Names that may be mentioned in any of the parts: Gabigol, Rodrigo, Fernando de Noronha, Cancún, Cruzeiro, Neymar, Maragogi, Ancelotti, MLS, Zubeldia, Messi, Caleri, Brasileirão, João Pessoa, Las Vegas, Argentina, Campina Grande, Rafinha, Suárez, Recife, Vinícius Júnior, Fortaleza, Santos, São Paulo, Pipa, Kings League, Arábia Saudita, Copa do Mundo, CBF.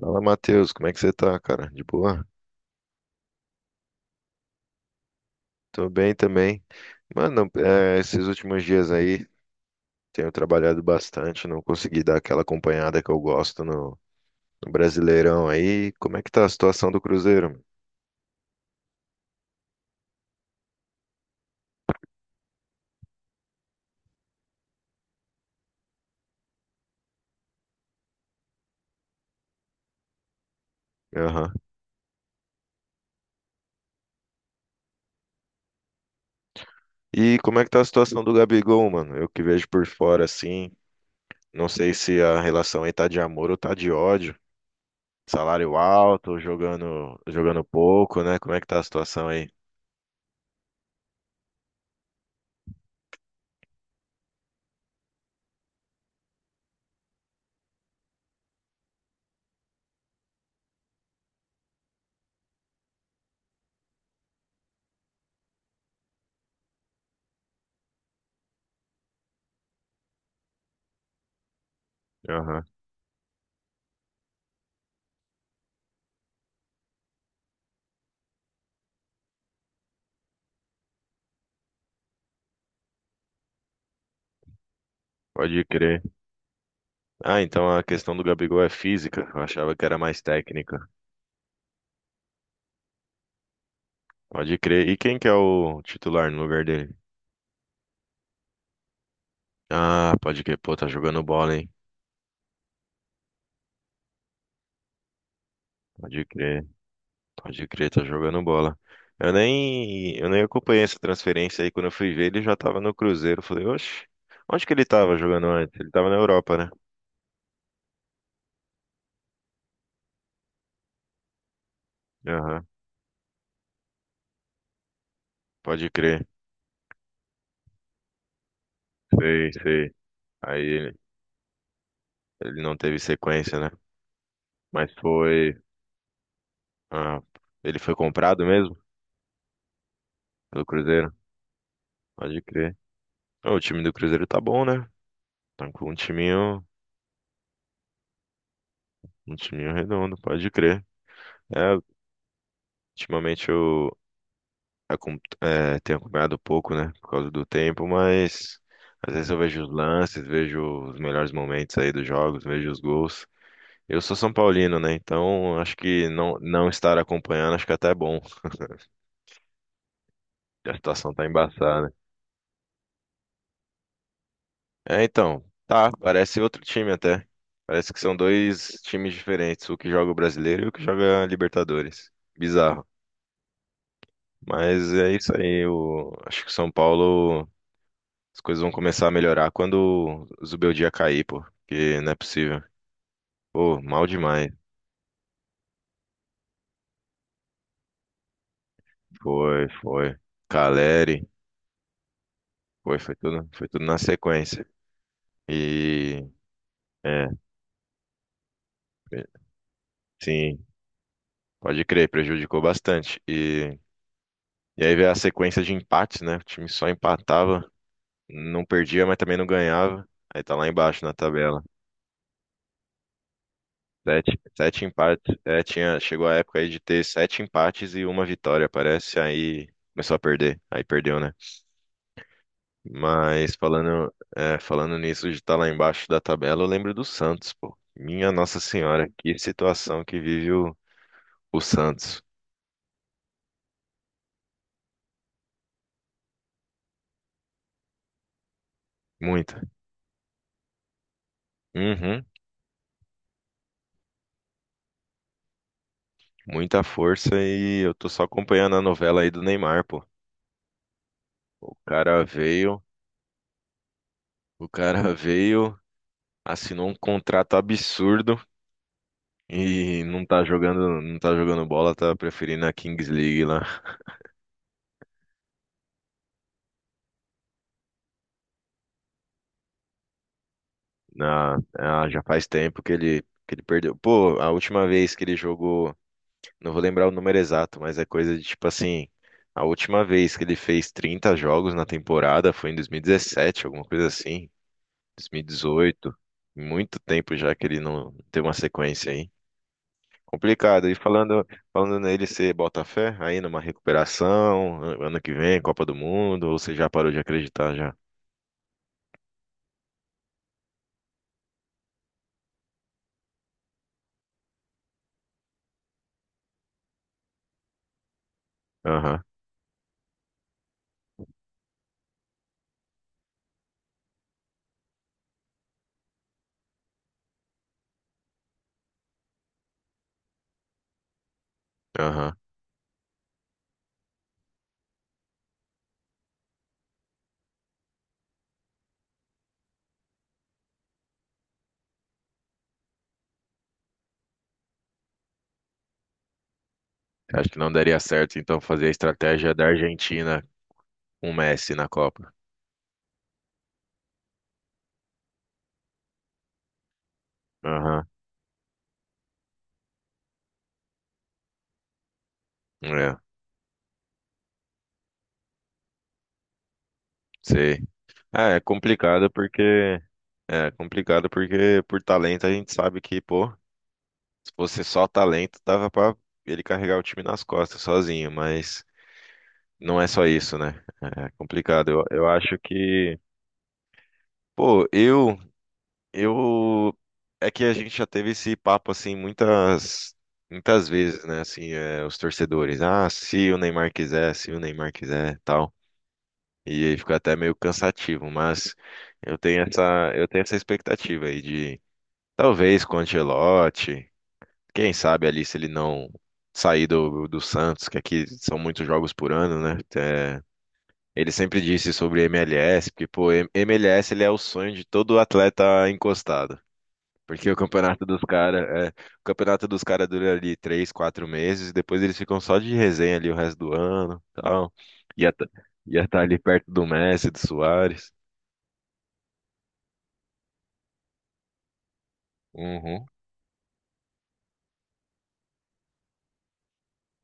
Fala, Matheus, como é que você tá, cara? De boa? Tô bem também. Mano, esses últimos dias aí tenho trabalhado bastante, não consegui dar aquela acompanhada que eu gosto no Brasileirão aí. Como é que tá a situação do Cruzeiro, mano? Aham. E como é que tá a situação do Gabigol, mano? Eu que vejo por fora assim, não sei se a relação aí tá de amor ou tá de ódio. Salário alto, jogando, jogando pouco, né? Como é que tá a situação aí? Aham. Pode crer. Ah, então a questão do Gabigol é física. Eu achava que era mais técnica. Pode crer. E quem que é o titular no lugar dele? Ah, pode crer. Pô, tá jogando bola, hein? Pode crer. Pode crer, tá jogando bola. Eu nem acompanhei essa transferência aí. Quando eu fui ver, ele já tava no Cruzeiro. Eu falei, oxe, onde que ele tava jogando antes? Ele tava na Europa, né? Aham, pode crer. Sei, sei. Aí ele não teve sequência, né? Mas foi. Ah, ele foi comprado mesmo pelo Cruzeiro? Pode crer. Ô, o time do Cruzeiro tá bom, né? Tá com um timinho redondo, pode crer. É, ultimamente eu tenho acompanhado pouco, né? Por causa do tempo, mas às vezes eu vejo os lances, vejo os melhores momentos aí dos jogos, vejo os gols. Eu sou São Paulino, né? Então acho que não, não estar acompanhando, acho que até é bom. A situação tá embaçada. É, então, tá, parece outro time até. Parece que são dois times diferentes, o que joga o brasileiro e o que joga a Libertadores. Bizarro. Mas é isso aí. O... Acho que o São Paulo, as coisas vão começar a melhorar quando o Zubeldia cair, pô. Porque não é possível. Pô, mal demais. Foi, foi. Caleri. Foi, foi tudo na sequência. E, é, sim, pode crer, prejudicou bastante. E aí veio a sequência de empates, né? O time só empatava, não perdia, mas também não ganhava. Aí tá lá embaixo na tabela. Sete, sete empates. É, tinha, chegou a época aí de ter sete empates e uma vitória, parece. Aí começou a perder. Aí perdeu, né? Mas falando nisso de estar lá embaixo da tabela, eu lembro do Santos, pô. Minha Nossa Senhora, que situação que vive o Santos. Muita. Uhum, muita força e eu tô só acompanhando a novela aí do Neymar, pô. O cara veio, o cara veio, assinou um contrato absurdo. E não tá jogando, não tá jogando bola, tá preferindo a Kings League lá. Na, ah, já faz tempo que ele, perdeu. Pô, a última vez que ele jogou, não vou lembrar o número exato, mas é coisa de tipo assim, a última vez que ele fez 30 jogos na temporada foi em 2017, alguma coisa assim, 2018. Muito tempo já que ele não tem uma sequência aí. Complicado. E falando nele, você bota fé aí numa recuperação, ano que vem, Copa do Mundo, ou você já parou de acreditar já? Aham, aham. Acho que não daria certo, então, fazer a estratégia da Argentina com o Messi na Copa. Aham, é, sei. Ah, é complicado porque... É complicado porque por talento a gente sabe que, pô, se fosse só talento, dava pra ele carregar o time nas costas sozinho, mas não é só isso, né? É complicado. Eu acho que, pô, eu... Eu é que a gente já teve esse papo assim muitas muitas vezes, né? Assim, é, os torcedores, ah, se o Neymar quiser, se o Neymar quiser, tal. E aí fica até meio cansativo, mas eu tenho essa expectativa aí de talvez com o Ancelotti, quem sabe ali se ele não sair do Santos, que aqui são muitos jogos por ano, né? É, ele sempre disse sobre MLS, porque pô, MLS ele é o sonho de todo atleta encostado. Porque o campeonato dos caras, é, o campeonato dos caras dura ali três, quatro meses, e depois eles ficam só de resenha ali o resto do ano, tal. Ia tá, ia tá ali perto do Messi, do Suárez. Uhum.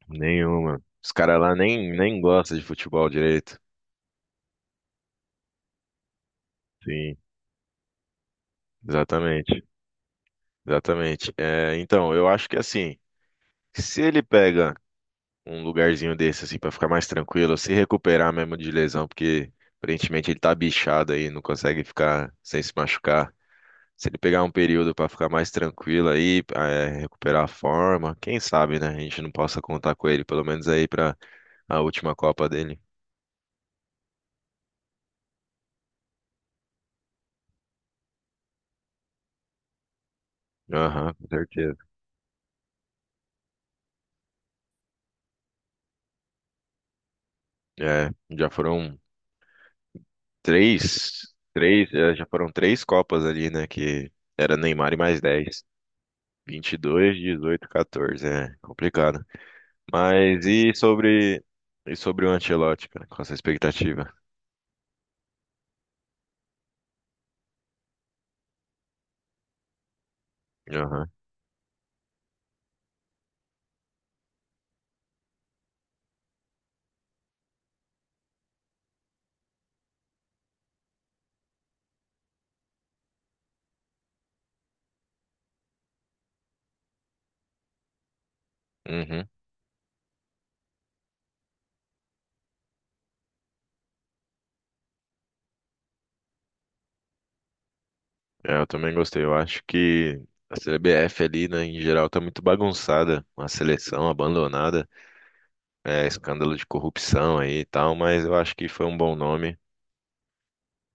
Nenhuma. Os caras lá nem, nem gostam de futebol direito. Sim, exatamente, exatamente. É, então, eu acho que assim, se ele pega um lugarzinho desse assim pra ficar mais tranquilo, se recuperar mesmo de lesão, porque aparentemente ele tá bichado aí, não consegue ficar sem se machucar. Se ele pegar um período pra ficar mais tranquilo aí, é, recuperar a forma, quem sabe, né? A gente não possa contar com ele, pelo menos aí pra a última Copa dele. Aham, com certeza. É, já foram três Copas ali, né? Que era Neymar e mais 10 22 18 14, é complicado. Mas e sobre o Ancelotti, cara? Qual a sua expectativa? Aham. Uhum. É, eu também gostei. Eu acho que a CBF ali, né, em geral, tá muito bagunçada. Uma seleção abandonada, é, escândalo de corrupção aí e tal, mas eu acho que foi um bom nome.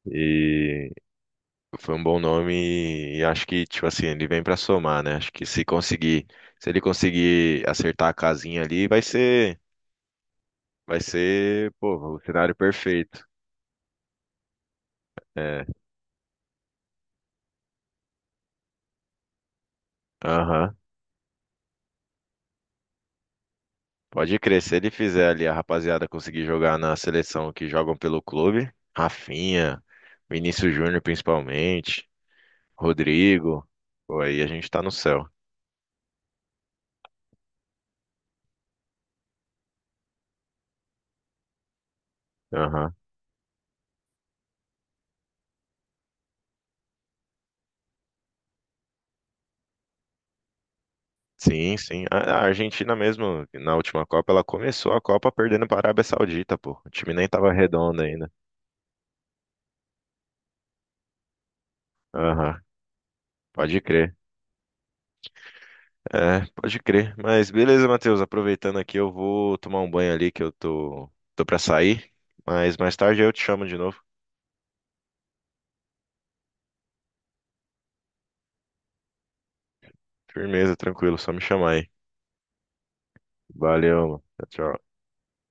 E foi um bom nome e acho que, tipo assim, ele vem pra somar, né? Acho que se conseguir, se ele conseguir acertar a casinha ali, vai ser, pô, o cenário perfeito. É, aham. Pode crer, se ele fizer ali a rapaziada conseguir jogar na seleção que jogam pelo clube, Rafinha, Vinícius Júnior principalmente, Rodrigo, pô, aí a gente tá no céu. Aham. Sim, sim. A Argentina mesmo, na última Copa, ela começou a Copa perdendo para a Arábia Saudita, pô. O time nem tava redondo ainda. Aham. Pode crer. É, pode crer. Mas beleza, Matheus, aproveitando aqui, eu vou tomar um banho ali que eu tô pra sair. Mas mais tarde eu te chamo de novo. Firmeza, tranquilo, só me chamar aí. Valeu, mano. Tchau, tchau.